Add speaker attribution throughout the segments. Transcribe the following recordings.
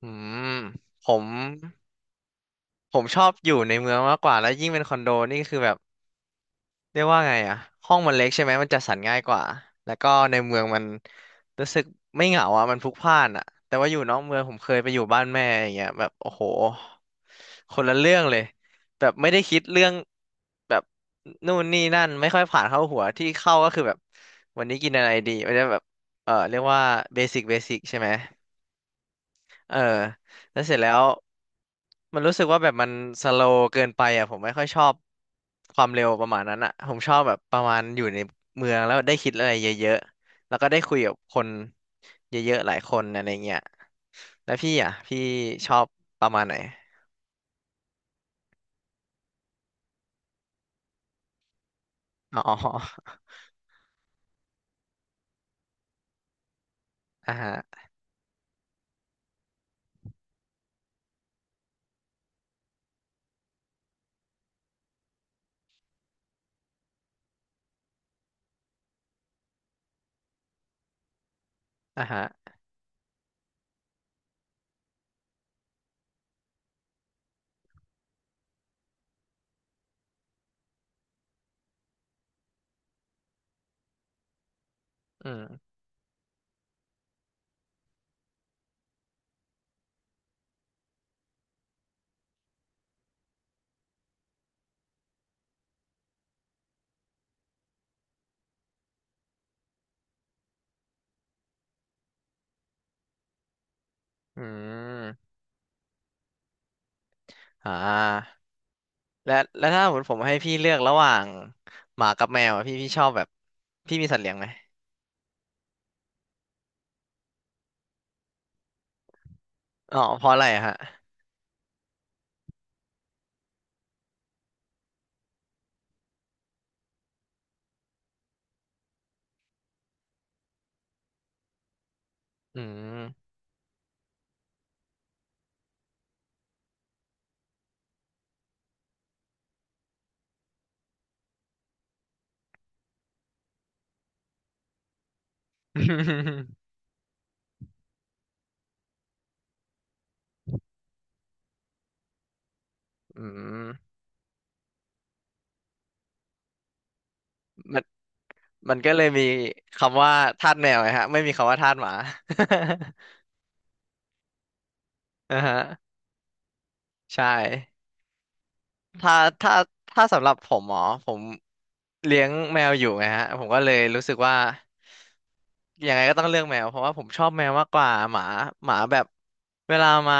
Speaker 1: อืมผมผมชอบอยู่ในเมืองมากกว่าแล้วยิ่งเป็นคอนโดนี่คือแบบเรียกว่าไงอะห้องมันเล็กใช่ไหมมันจัดสรรง่ายกว่าแล้วก็ในเมืองมันรู้สึกไม่เหงาอะมันพลุกพล่านอะแต่ว่าอยู่นอกเมืองผมเคยไปอยู่บ้านแม่อย่างเงี้ยแบบโอ้โหคนละเรื่องเลยแบบไม่ได้คิดเรื่องแบบนู่นนี่นั่นไม่ค่อยผ่านเข้าหัวที่เข้าก็คือแบบวันนี้กินอะไรดีมันจะแบบเออเรียกว่าเบสิกเบสิกใช่ไหม เออแล้วเสร็จแล้วมันรู้สึกว่าแบบมันสโลว์เกินไปอ่ะผมไม่ค่อยชอบความเร็วประมาณนั้นอ่ะผมชอบแบบประมาณอยู่ในเมืองแล้วได้คิดอะไรเยอะๆแล้วก็ได้คุยกับคนเยอะๆหลายคนอะไรเงี้ยแล้วพี่อ่ะพี่ชอบประมาณไหนอ๋อ อ่าฮะอ่าฮะอืมอืมอ่าและถ้าผมให้พี่เลือกระหว่างหมากับแมวอะพี่ชอบแบบพี่มีสัตว์เลี้ยงไหมอ๋อเพราะอะไรอะฮะอืม อืมมันมันก็เลยมีคำว่าทาสแมวไงฮะไม่มีคำว่าทาสหมา อ่าฮะใช่ถ้าถ้าถ้าสำหรับผมหมอผมเลี้ยงแมวอยู่ไงฮะผมก็เลยรู้สึกว่ายังไงก็ต้องเลือกแมวเพราะว่าผมชอบแมวมากกว่าหมาหมาแบบเวลามา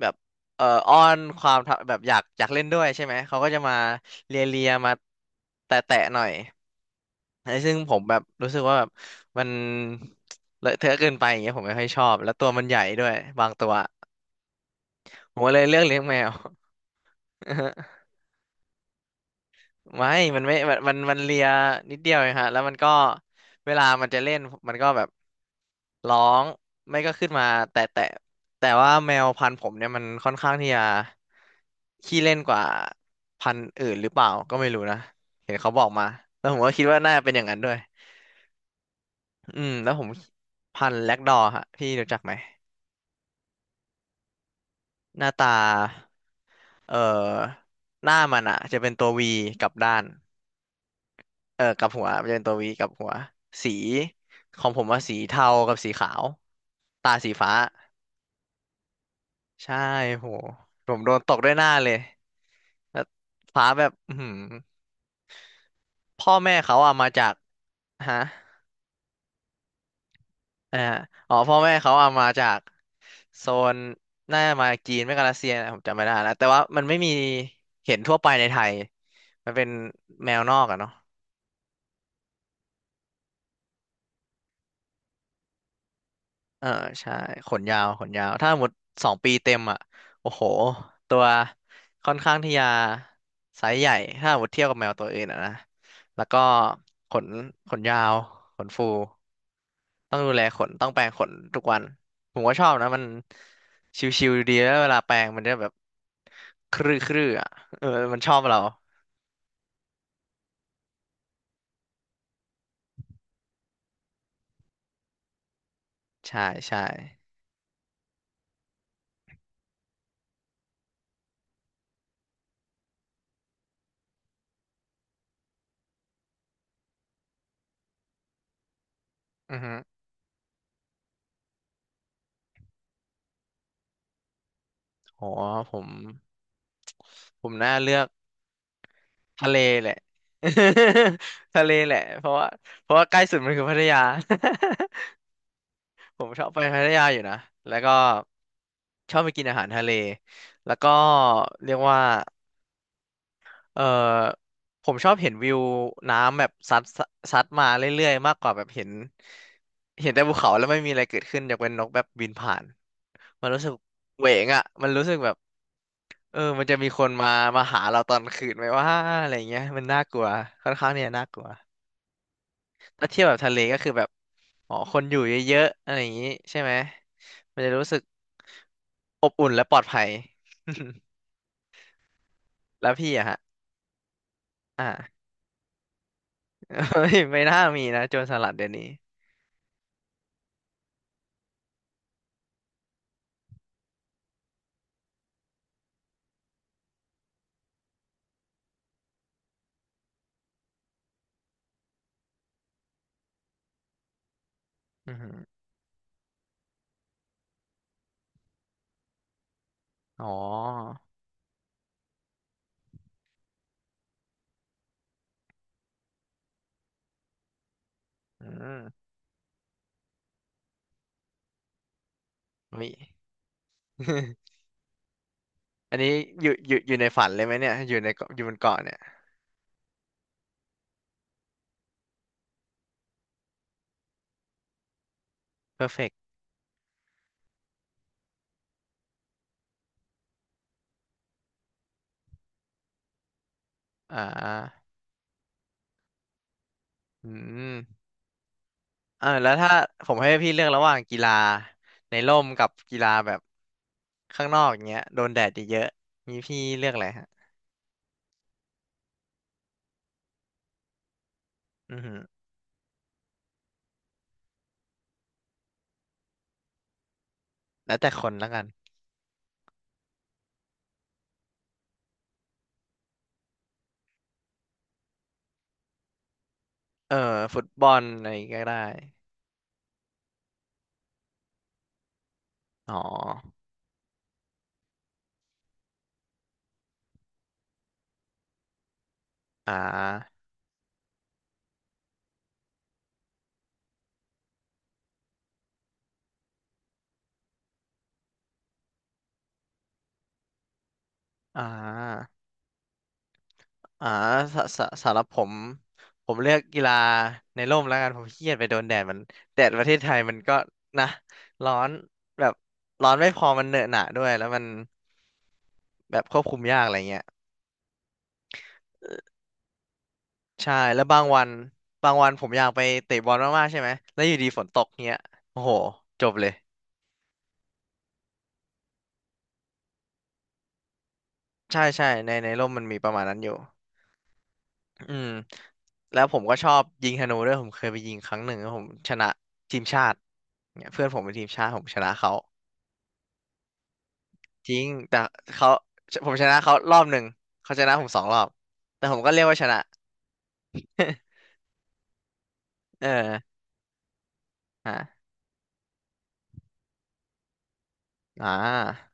Speaker 1: แบบอ้อนความแบบอยากเล่นด้วยใช่ไหมเขาก็จะมาเลียเลียมาแตะแตะหน่อย ไอ้ซึ่งผมแบบรู้สึกว่าแบบมันเลอะเทอะเกินไปอย่างเงี้ยผมไม่ค่อยชอบแล้วตัวมันใหญ่ด้วยบางตัวผมก็เลยเลือกเลี้ยงแมว ไม่ไม่มันเลียนิดเดียวเองฮะแล้วมันก็เวลามันจะเล่นมันก็แบบร้องไม่ก็ขึ้นมาแต่แต่แต่ว่าแมวพันธุ์ผมเนี่ยมันค่อนข้างที่จะขี้เล่นกว่าพันธุ์อื่นหรือเปล่าก็ไม่รู้นะเห็นเขาบอกมาแล้วผมก็คิดว่าน่าเป็นอย่างนั้นด้วย อืมแล้วผมพันแล็กดอร์ฮะพี่รู้จักไหมหน้าตาเอ่อหน้ามันอ่ะจะเป็นตัววีกับด้านเออกับหัวมันจะเป็นตัววีกับหัวสีของผมว่าสีเทากับสีขาวตาสีฟ้าใช่โหผมโดนตกด้วยหน้าเลยแล้วฟ้าแบบอือหือพ่อแม่เขาอ่ะมาจากฮะ อ่าอ๋อพ่อแม่เขาเอามาจากโซนน่าจะมาจีนไม่ก็รัสเซียนะผมจำไม่ได้แล้วแต่ว่ามันไม่มีเห็นทั่วไปในไทย มันเป็นแมวนอกอะเนาะเออใช่ ขนยาว ขนยาว ถ้าหมดสองปีเต็มอะโอ้โห ตัวค่อนข้างที่จะไซส์ใหญ่ ถ้าหมดเทียบกับแมวตัวอื่นอะนะแล้วก็ขนขนยาว ขนฟู ต้องดูแลขนต้องแปรงขนทุกวันผมก็ชอบนะมันชิวๆดีแล้วเวลาแปรงมันจะแบบครื้อครื้ออ่ะเออมันชอบเราใช่ใช่อือฮึโหผมผมน่าเลือกทะเลแหละ ทะเลแหละเพราะว่าเพราะว่าใกล้สุดมันคือพัทยา ผมชอบไปพัทยาอยู่นะแล้วก็ชอบไปกินอาหารทะเลแล้วก็เรียกว่า เออผมชอบเห็นวิวน้ำแบบซัดซัดมาเรื่อยๆมากกว่าแบบเห็นแต่ภูเขาแล้วไม่มีอะไรเกิดขึ้นยกเว้นนกแบบบินผ่านมันรู้สึกเหวงอ่ะมันรู้สึกแบบเออมันจะมีคนมาหาเราตอนคืนไหมว่าอะไรเงี้ยมันน่ากลัว ค่อนข้างเนี่ยน่ากลัวถ้าเทียบแบบทะเลก็คือแบบอ๋อคนอยู่เยอะๆอะไรอย่างงี้ใช่ไหมมันจะรู้สึกอบอุ่น และปลอดภัย แล้วพี่อะฮะ อ่า ไม่ไม่น่ามีนะโจรสลัดเดี๋ยวนี้อือหือ อ๋ออืมเฮ้ย อันนี้อยู่ในฝันเลยไหมเนี่ยอยู่ในเกาะอยู่บนเกาะเนี่ยเพอร์เฟกต์อ่าอืมเออแล้วถ้าผมให้พี่เลือกระหว่างกีฬาในร่มกับกีฬาแบบข้างนอกอย่างเงี้ยโดนแดดเยอะๆนี่พี่เลือกอะไรฮะอือหือแล้วแต่คนแล้วกันเออฟุตบอลอะไรก็ได้อ๋ออ่า อ่า อ่าสสสำหรับผมเลือกกีฬาในร่มแล้วกันผมขี้เกียจไปโดนแดดมันแดดประเทศไทยมันก็นะร้อนแบบร้อนไม่พอมันเหนอะหนะด้วยแล้วมันแบบควบคุมยากอะไรเงี้ยใช่แล้วบางวันผมอยากไปเตะบอลมากๆใช่ไหมแล้วอยู่ดีฝนตกเงี้ยโอ้โหจบเลยใช่ใช่ในร่มมันมีประมาณนั้นอยู่อืมแล้วผมก็ชอบยิงธนูด้วยผมเคยไปยิงครั้งหนึ่งแล้วผมชนะทีมชาติเนี่ยเพื่อนผมเป็นทีมชาติผมชนะเขา จริงแต่เขาผมชนะเขารอบหนึ่งเขาชนะผมสองรอบแต่ผมก็เรียกว่าชนะ เอออ่าอ่า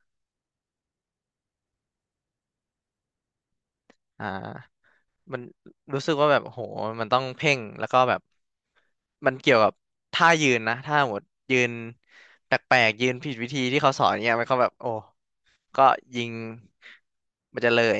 Speaker 1: อ่ามันรู้สึกว่าแบบโหมันต้องเพ่งแล้วก็แบบมันเกี่ยวกับท่ายืนนะท่าหมดยืนแปลกๆยืนผิดวิธีที่เขาสอนเนี่ยมันก็แบบโอ้ก็ยิงมันจะเลย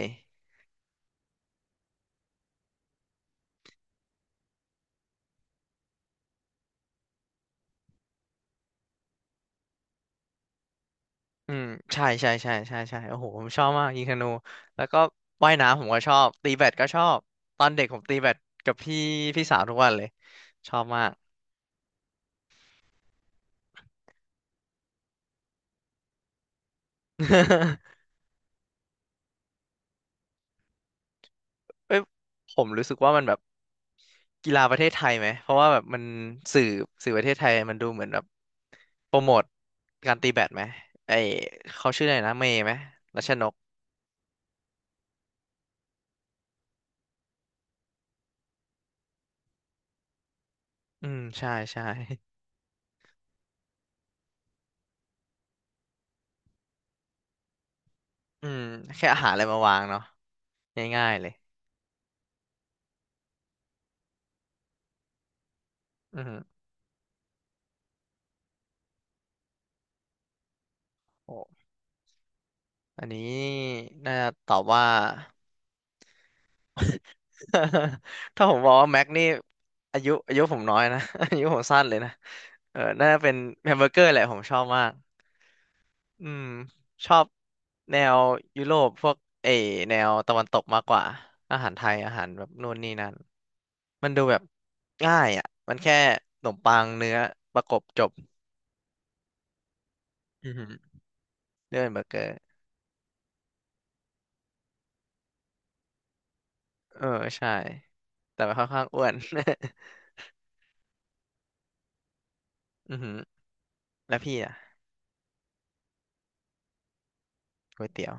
Speaker 1: อืมใช่ใช่ใช่ใช่ใช่โอ้โหผมชอบมากยิงธนูแล้วก็ว่ายน้ำผมก็ชอบตีแบดก็ชอบตอนเด็กผมตีแบดกับพี่สาวทุกวันเลยชอบมาก เอ้ยผมรู้สึกว่ามันแบบกีฬาประเทศไทยไหมเพราะว่าแบบมันสื่อสื่อประเทศไทยมันดูเหมือนแบบโปรโมทการตีแบดไหมไอเขาชื่ออะไรนะเมย์ไหมรัชนกอืมใช่ใช่อืมแค่อาหารอะไรมาวางเนาะง่ายๆเลยอืมโอ้อันนี้น่าจะตอบว่า ถ้าผมบอกว่าแม็กนี่อายุผมน้อยนะ อายุผมสั้นเลยนะเออน่าจะเป็นแฮมเบอร์เกอร์แหละผมชอบมากอืมชอบแนวยุโรปพวกเออแนวตะวันตกมากกว่าอาหารไทยอาหารแบบนู่นนี่นั่นมันดูแบบง่ายอ่ะมันแค่ขนมปังเนื้อประกบจบอือหือเรื่องเบอร์เกอร์เออใช่แต่มันค่อนข้างอ้วน อือหือแล้วพี่อ่ะก๋วยเตี๋ยว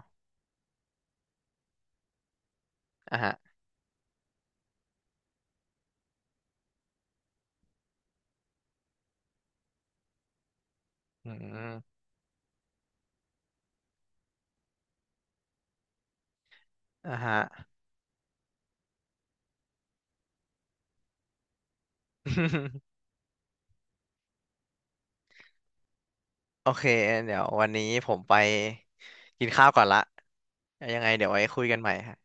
Speaker 1: อ่ะฮะอืมอ่ะฮะ โอเคเดี๋ยววันนี้ผมไปกินข้าวก่อนละยังไงเดี๋ยวไว้คุยกันใหม่ฮะ